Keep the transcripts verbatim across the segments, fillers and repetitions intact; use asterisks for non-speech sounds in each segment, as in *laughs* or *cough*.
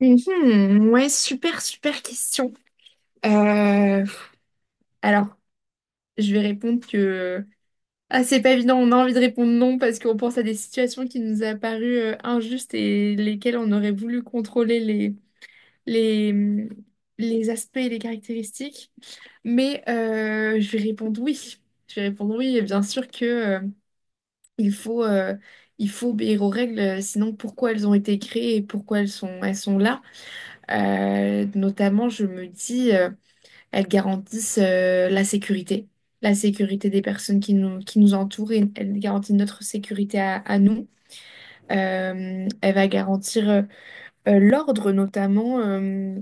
Mhm, ouais, super, super question. Euh, alors, je vais répondre que... Ah, c'est pas évident, on a envie de répondre non parce qu'on pense à des situations qui nous a paru euh, injustes et lesquelles on aurait voulu contrôler les, les, les aspects et les caractéristiques. Mais euh, je vais répondre oui. Je vais répondre oui, et bien sûr que euh, il faut, euh, il faut obéir aux règles, euh, sinon pourquoi elles ont été créées et pourquoi elles sont, elles sont là. Euh, notamment, je me dis... euh, Elles garantissent euh, la sécurité, la sécurité des personnes qui nous, qui nous entourent et elles garantissent notre sécurité à, à nous. Euh, elle va garantir euh, euh, l'ordre notamment. euh,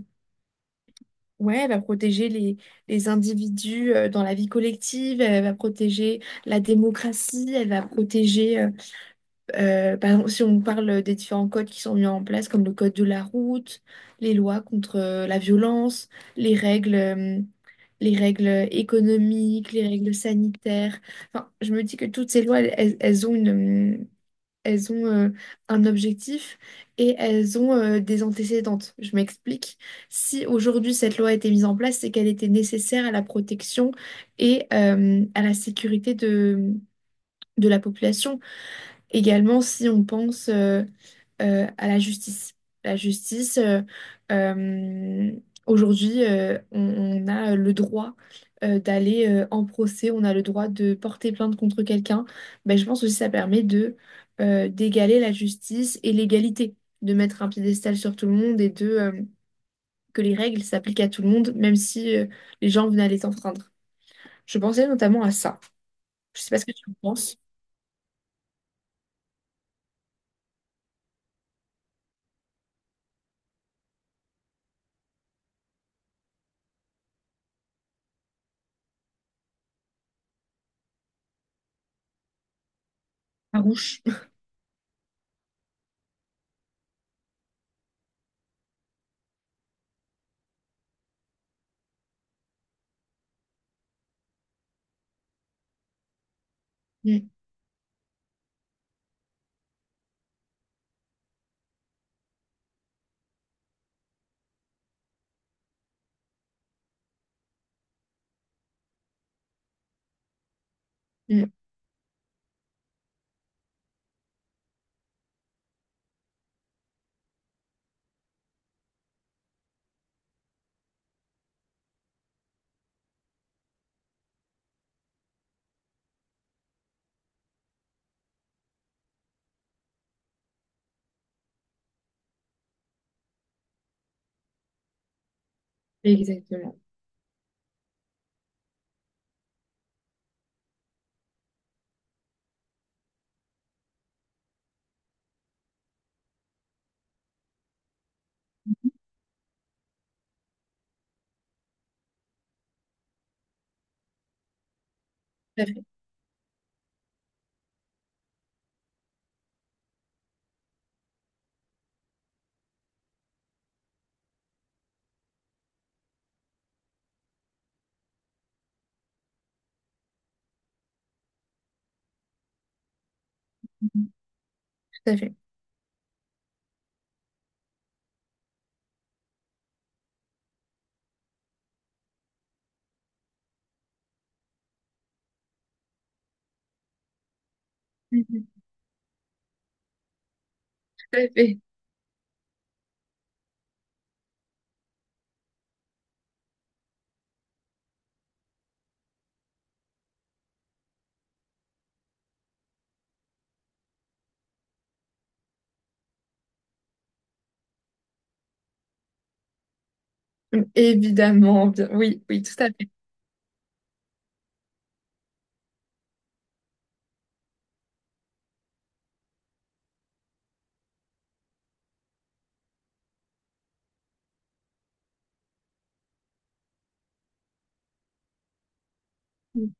Ouais, elle va protéger les, les individus euh, dans la vie collective, elle va protéger la démocratie, elle va protéger euh, euh, par exemple, si on parle des différents codes qui sont mis en place, comme le code de la route, les lois contre euh, la violence, les règles, euh, les règles économiques, les règles sanitaires. Enfin, je me dis que toutes ces lois, elles, elles- elles ont une, euh, elles ont euh, un objectif et elles ont euh, des antécédentes. Je m'explique. Si aujourd'hui cette loi a été mise en place, c'est qu'elle était nécessaire à la protection et euh, à la sécurité de de la population. Également, si on pense euh, euh, à la justice. La justice, euh, euh, aujourd'hui, euh, on, on a le droit euh, d'aller euh, en procès, on a le droit de porter plainte contre quelqu'un. Ben, je pense aussi que ça permet de euh, d'égaler la justice et l'égalité, de mettre un piédestal sur tout le monde et de euh, que les règles s'appliquent à tout le monde, même si euh, les gens venaient à les enfreindre. Je pensais notamment à ça. Je sais pas ce que tu en penses. Farouche. Mm, mm, exactement. Tout à fait. Tout à fait. Mhm. Tout à fait. Mm, évidemment, bien- oui, oui, tout à fait. Mm,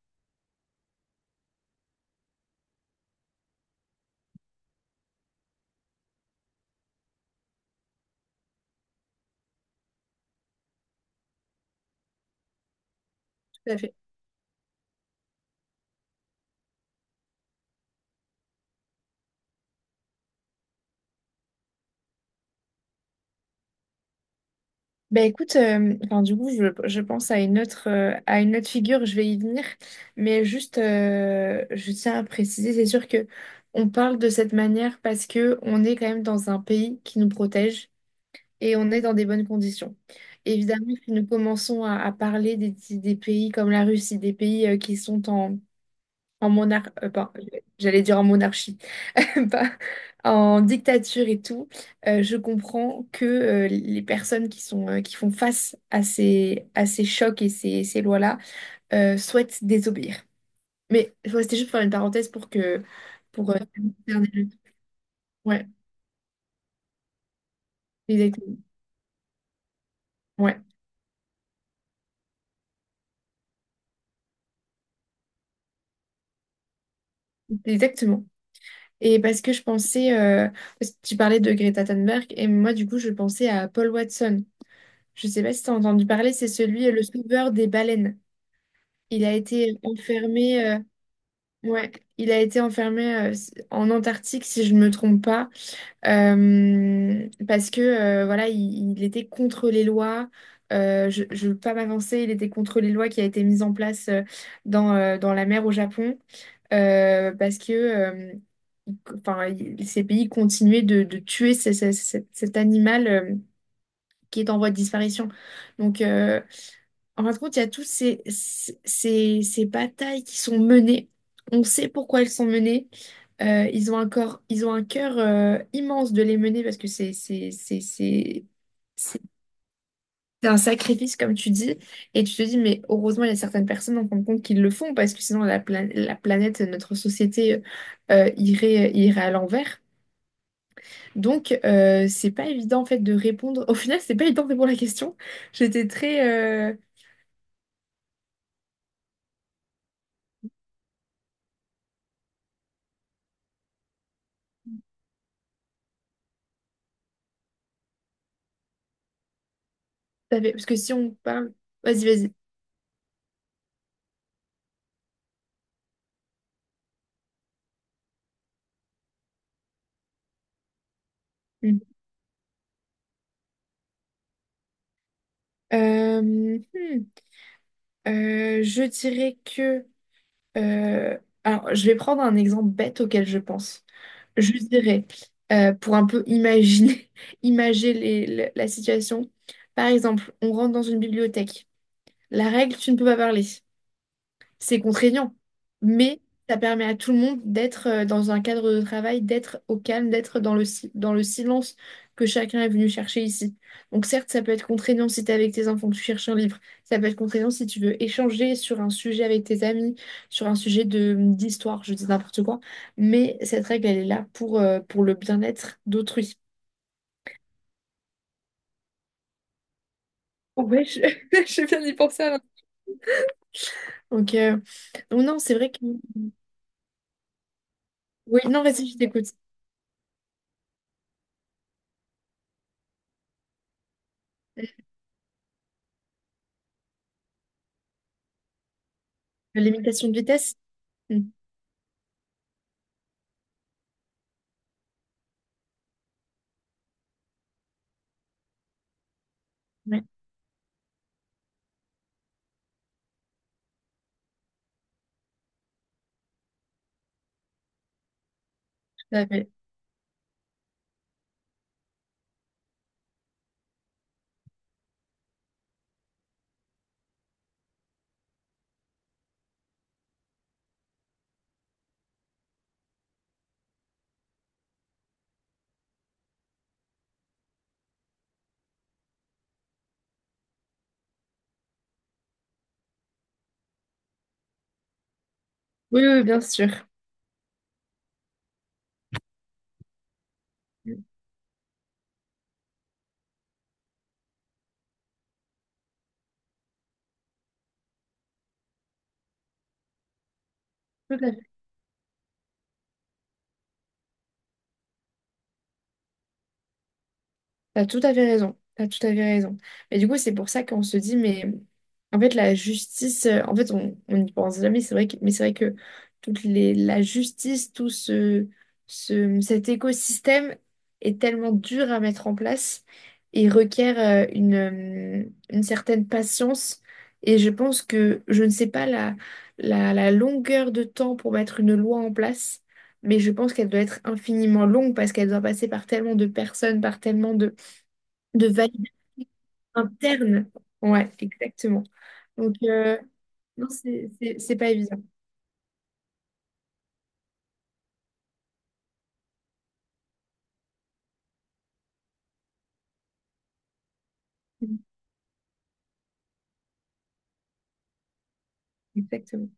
tout à fait. Bah écoute, euh, enfin, du coup, je, je pense à une autre, euh, à une autre figure, je vais y venir, mais juste, euh, je tiens à préciser, c'est sûr que on parle de cette manière parce que on est quand même dans un pays qui nous protège et on est dans des bonnes conditions. Évidemment, si nous commençons à, à parler des, des pays comme la Russie, des pays euh, qui sont en, en monarchie, j'allais dire en monarchie *laughs* bah, en dictature et tout, euh, je comprends que euh, les personnes qui sont, euh, qui font face à ces, à ces chocs et ces, ces lois-là euh, souhaitent désobéir. Mais ouais, c'était juste pour faire une parenthèse pour que pour euh, terminer le- ouais, exactement. Ouais, exactement. Et parce que je pensais, euh, parce que tu parlais de Greta Thunberg, et moi du coup je pensais à Paul Watson. Je sais pas si tu as entendu parler, c'est celui, le sauveur des baleines. Il a été enfermé euh, ouais, il a été enfermé euh, s- en Antarctique, si je ne me trompe pas, euh, parce que euh, voilà, il, il était contre les lois. Euh, je ne veux pas m'avancer, il était contre les lois qui a été mises en place euh, dans, euh, dans la mer au Japon, euh, parce que euh, il- enfin, il- ces pays continuaient de, de tuer ce- ce- ce- cet animal euh, qui est en voie de disparition. Donc, euh, en fin de compte, il y a toutes ces, ces, ces ces batailles qui sont menées. On sait pourquoi elles sont menées. Euh, ils ont un corps, ils ont un cœur euh, immense de les mener parce que c'est c'est c'est c'est c'est un sacrifice comme tu dis et tu te dis mais heureusement il y a certaines personnes en fin de compte qui le font parce que sinon la, pla- la planète notre société euh, euh, irait irait à l'envers donc euh, c'est pas évident en fait de répondre au final c'est pas évident de répondre à la question j'étais très euh, t'avais- parce que si on parle vas-y vas-y. Hmm. Euh, hmm. Euh, je dirais que Euh, alors, je vais prendre un exemple bête auquel je pense. Je dirais, euh, pour un peu imaginer, *laughs* imager les- le- la situation, par exemple, on rentre dans une bibliothèque. La règle, tu ne peux pas parler. C'est contraignant, mais ça permet à tout le monde d'être euh, dans un cadre de travail, d'être au calme, d'être dans le, si- dans le silence que chacun est venu chercher ici. Donc certes, ça peut être contraignant si tu es avec tes enfants, tu cherches un livre. Ça peut être contraignant si tu veux échanger sur un sujet avec tes amis, sur un sujet de d'histoire, je dis n'importe quoi. Mais cette règle, elle est là pour, euh, pour le bien-être d'autrui. Ouais, je, *laughs* je viens d'y penser à l'instant. *laughs* Donc, euh, donc non, c'est vrai que... Oui, non, vas-y, je t'écoute. Euh, Limitation de vitesse. Hmm. Ouais. Tout à fait. Oui, oui, oui, bien sûr. Tout à fait. T'as tout à fait raison. T'as tout à fait raison. Mais du coup, c'est pour ça qu'on se dit, mais en fait, la justice, euh, en fait, on on n'y pense jamais. C'est vrai que, mais c'est vrai que toute les, la justice, tout ce, ce, cet écosystème est tellement dur à mettre en place et requiert euh, une, euh, une certaine patience. Et je pense que je ne sais pas la, la, la longueur de temps pour mettre une loi en place. Mais je pense qu'elle doit être infiniment longue parce qu'elle doit passer par tellement de personnes, par tellement de, de validation interne. Ouais, exactement. Donc, euh, non, c'est c'est- c'est pas évident. Exactement.